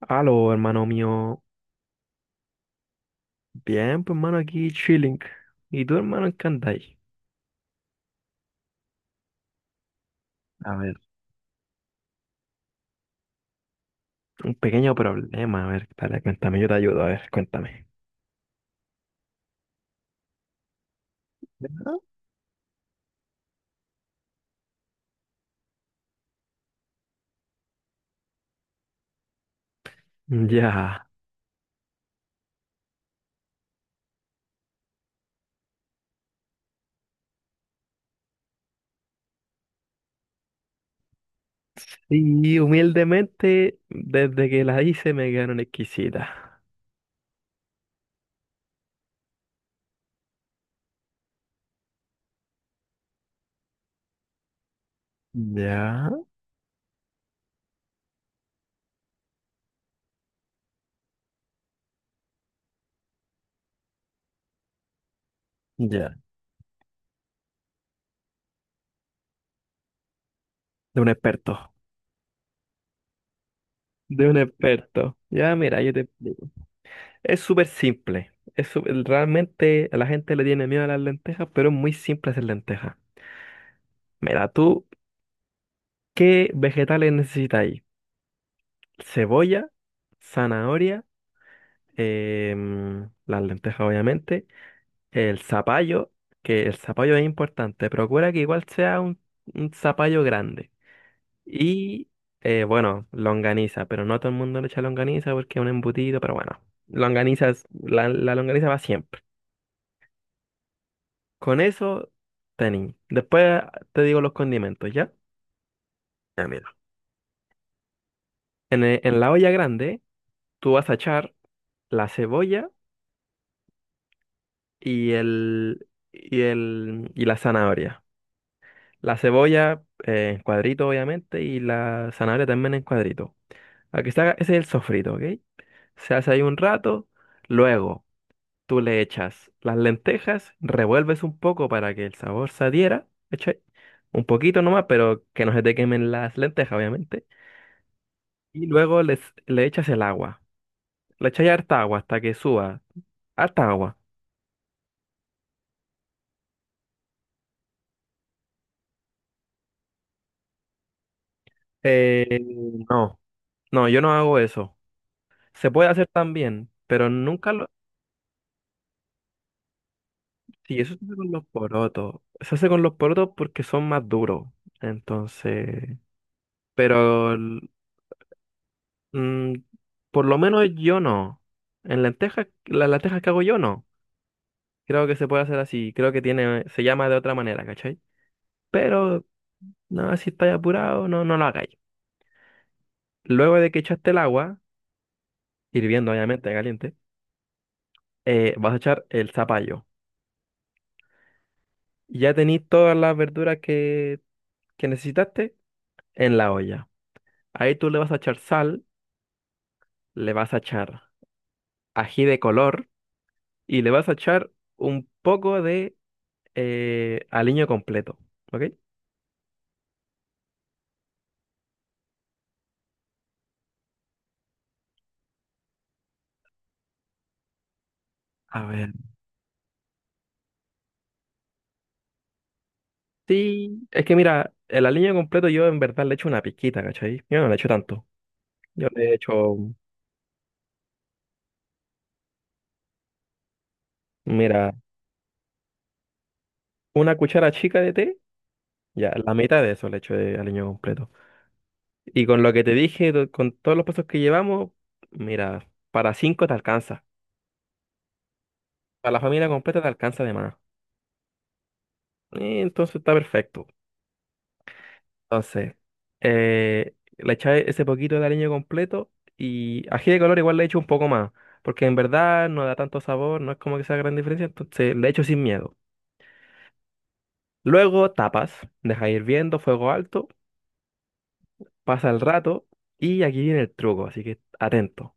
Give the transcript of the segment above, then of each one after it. Aló, hermano mío. Bien, pues, hermano, aquí chilling. ¿Y tú, hermano, en qué andáis? A ver. Un pequeño problema. A ver, dale, cuéntame, yo te ayudo. A ver, cuéntame. Ah, ya. Sí, humildemente, desde que la hice me quedaron exquisitas. Ya, ya. De un experto. De un experto. Ya, mira, yo te explico. Es súper simple. Realmente la gente le tiene miedo a las lentejas, pero es muy simple hacer lentejas. Mira, tú, ¿qué vegetales necesitas? Cebolla, zanahoria, las lentejas obviamente, el zapallo, que el zapallo es importante, procura que igual sea un zapallo grande. Y bueno, longaniza, pero no todo el mundo le echa longaniza porque es un embutido, pero bueno, longaniza, la longaniza va siempre. Con eso, tení. Después te digo los condimentos, ¿ya? Ya, mira. En la olla grande, tú vas a echar la cebolla, y la zanahoria. La cebolla en cuadrito, obviamente, y la zanahoria también en cuadrito. Aquí se haga, ese es el sofrito, ¿ok? Se hace ahí un rato, luego tú le echas las lentejas, revuelves un poco para que el sabor se adhiera, ¿cachai? Un poquito nomás, pero que no se te quemen las lentejas, obviamente. Y luego les, Le echas el agua. Le echas harta agua hasta que suba. Harta agua. Eh, no, no, yo no hago eso. Se puede hacer también, pero nunca lo... Sí, eso se hace con los porotos. Se hace con los porotos porque son más duros. Entonces, pero el- mm, por lo menos yo no. En lentejas, las lentejas que hago yo no. Creo que se puede hacer así. Creo que tiene, se llama de otra manera, ¿cachai? Pero no, si estáis apurado, no, no lo hagáis. Luego de que echaste el agua, hirviendo obviamente, caliente, vas a echar el zapallo. Ya tenéis todas las verduras que necesitaste en la olla. Ahí tú le vas a echar sal, le vas a echar ají de color y le vas a echar un poco de aliño completo, ¿ok? A ver, sí, es que mira, el aliño completo yo en verdad le echo una pizquita, ¿cachai? Yo no le echo tanto. Yo le echo, Mira, una cuchara chica de té, ya, la mitad de eso le echo de aliño completo. Y con lo que te dije, con todos los pasos que llevamos, mira, para cinco te alcanza. Para la familia completa te alcanza de más. Entonces está perfecto. Entonces, le echáis ese poquito de aliño completo y ají de color igual le echo un poco más, porque en verdad no da tanto sabor, no es como que sea gran diferencia, entonces le echo sin miedo. Luego tapas, deja hirviendo, fuego alto, pasa el rato y aquí viene el truco, así que atento,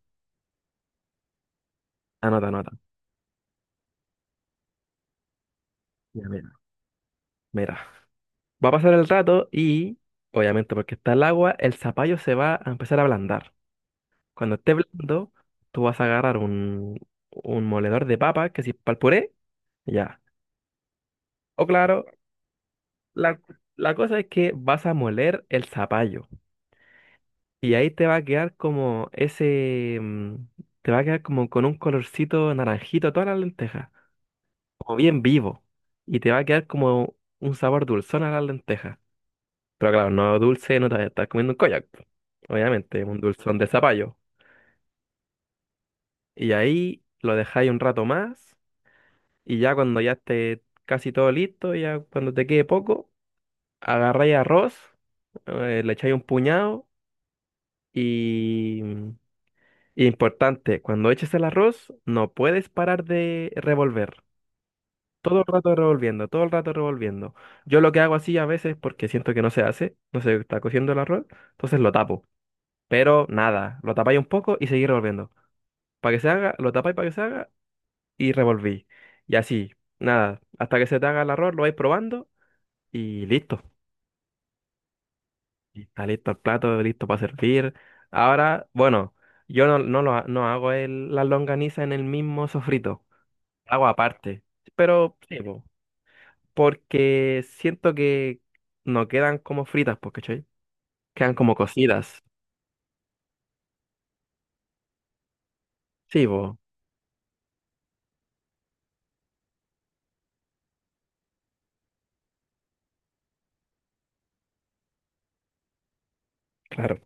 anota, anota. Ya, mira. Mira, va a pasar el rato y, obviamente porque está el agua, el zapallo se va a empezar a ablandar. Cuando esté blando, tú vas a agarrar un moledor de papa, que si es para ya. O claro, la, la cosa es que vas a moler el zapallo y ahí te va a quedar como te va a quedar como con un colorcito naranjito a todas las lentejas, como bien vivo. Y te va a quedar como un sabor dulzón a las lentejas. Pero claro, no dulce, no te vas a estar comiendo un koyak. Po. Obviamente, un dulzón de zapallo. Y ahí lo dejáis un rato más y ya cuando ya esté casi todo listo, ya cuando te quede poco, agarráis arroz, le echáis un puñado. Y importante, cuando eches el arroz, no puedes parar de revolver. Todo el rato revolviendo, todo el rato revolviendo. Yo lo que hago así a veces porque siento que no se hace, no se está cociendo el arroz, entonces lo tapo. Pero nada, lo tapáis un poco y seguís revolviendo. Para que se haga, lo tapáis para que se haga y revolví. Y así, nada, hasta que se te haga el arroz, lo vais probando y listo. Está listo el plato, listo para servir. Ahora, bueno, yo no, no, lo ha- no hago la longaniza en el mismo sofrito. Hago aparte. Pero sí, po, porque siento que no quedan como fritas, porque quedan como cocidas. Sí, po, claro.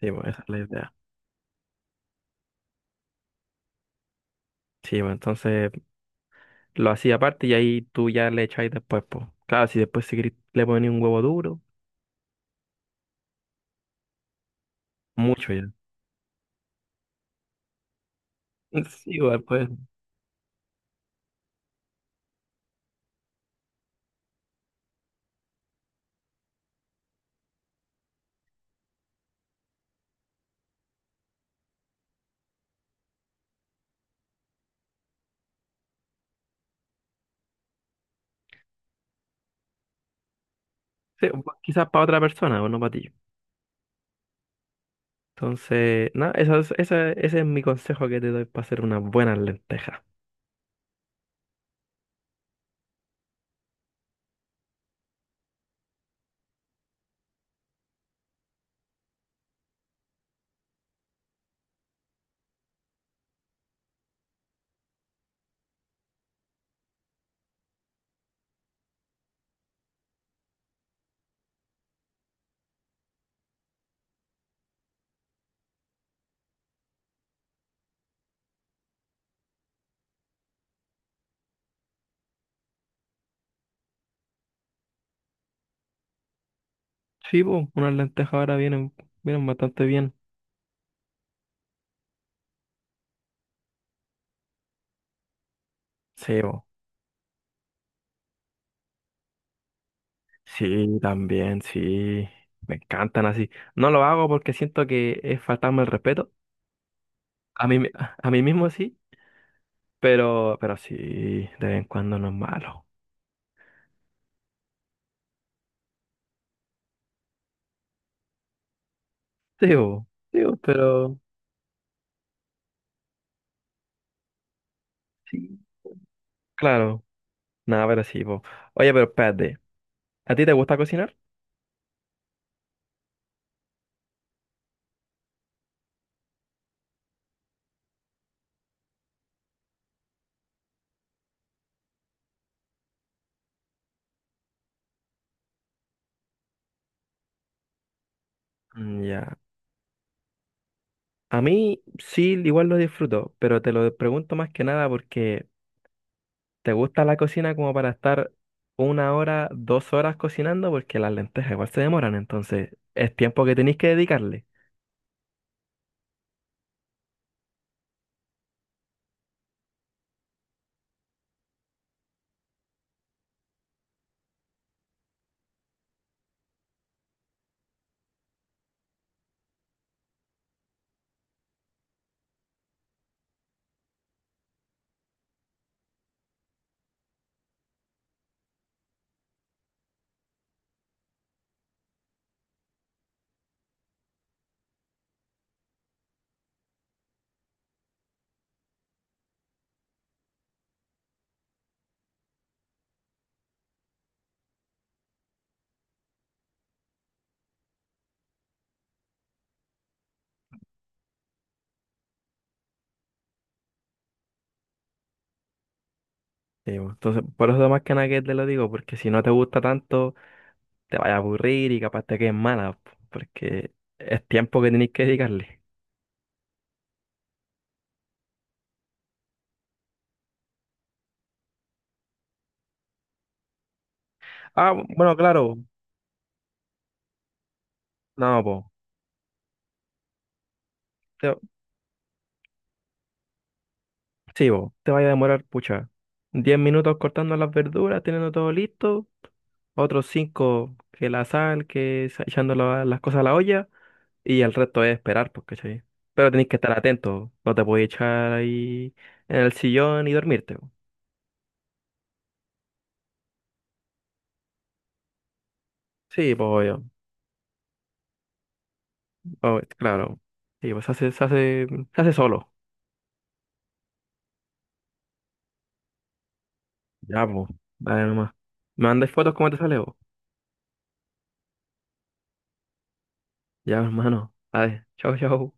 Sí, po, esa es la idea. Sí, po, entonces lo hacía aparte y ahí tú ya le echáis después, pues. Claro, si después si querís le ponéis un huevo duro, mucho ya. Sí, igual, pues. Sí, pues, quizás para otra persona o no para ti. Entonces, nada eso ese es mi consejo que te doy para hacer unas buenas lentejas. Sí, po, unas lentejas ahora vienen, vienen bastante bien. Sí, po. Sí, también, sí. Me encantan así. No lo hago porque siento que es faltarme el respeto. A mí, a mí mismo sí, pero sí, de vez en cuando no es malo. Sí, po, sí, po, pero sí, claro. Nada, pero sí, po. Oye, pero espérate, ¿a ti te gusta cocinar? Mm, ya. A mí sí, igual lo disfruto, pero te lo pregunto más que nada porque ¿te gusta la cocina como para estar 1 hora, 2 horas cocinando? Porque las lentejas igual se demoran, entonces es tiempo que tenéis que dedicarle. Sí, bo. Entonces, por eso más que nada que te lo digo, porque si no te gusta tanto, te vaya a aburrir y capaz te quedes mala, po, porque es tiempo que tenéis que dedicarle. Bueno, claro, no, po. Te, sí, po, te vaya a demorar, pucha. 10 minutos cortando las verduras, teniendo todo listo. Otros cinco que la sal, echando las cosas a la olla. Y el resto es esperar, pues, ¿cachai? Pero tenéis que estar atento. No te podéis echar ahí en el sillón y dormirte. Po. Sí, pues obvio. Obvio, claro. Sí, pues se hace, se hace solo. Ya, pues. Dale nomás. ¿Me mandáis fotos cómo te sale, vos? Ya, hermano. Dale. Chau, chau.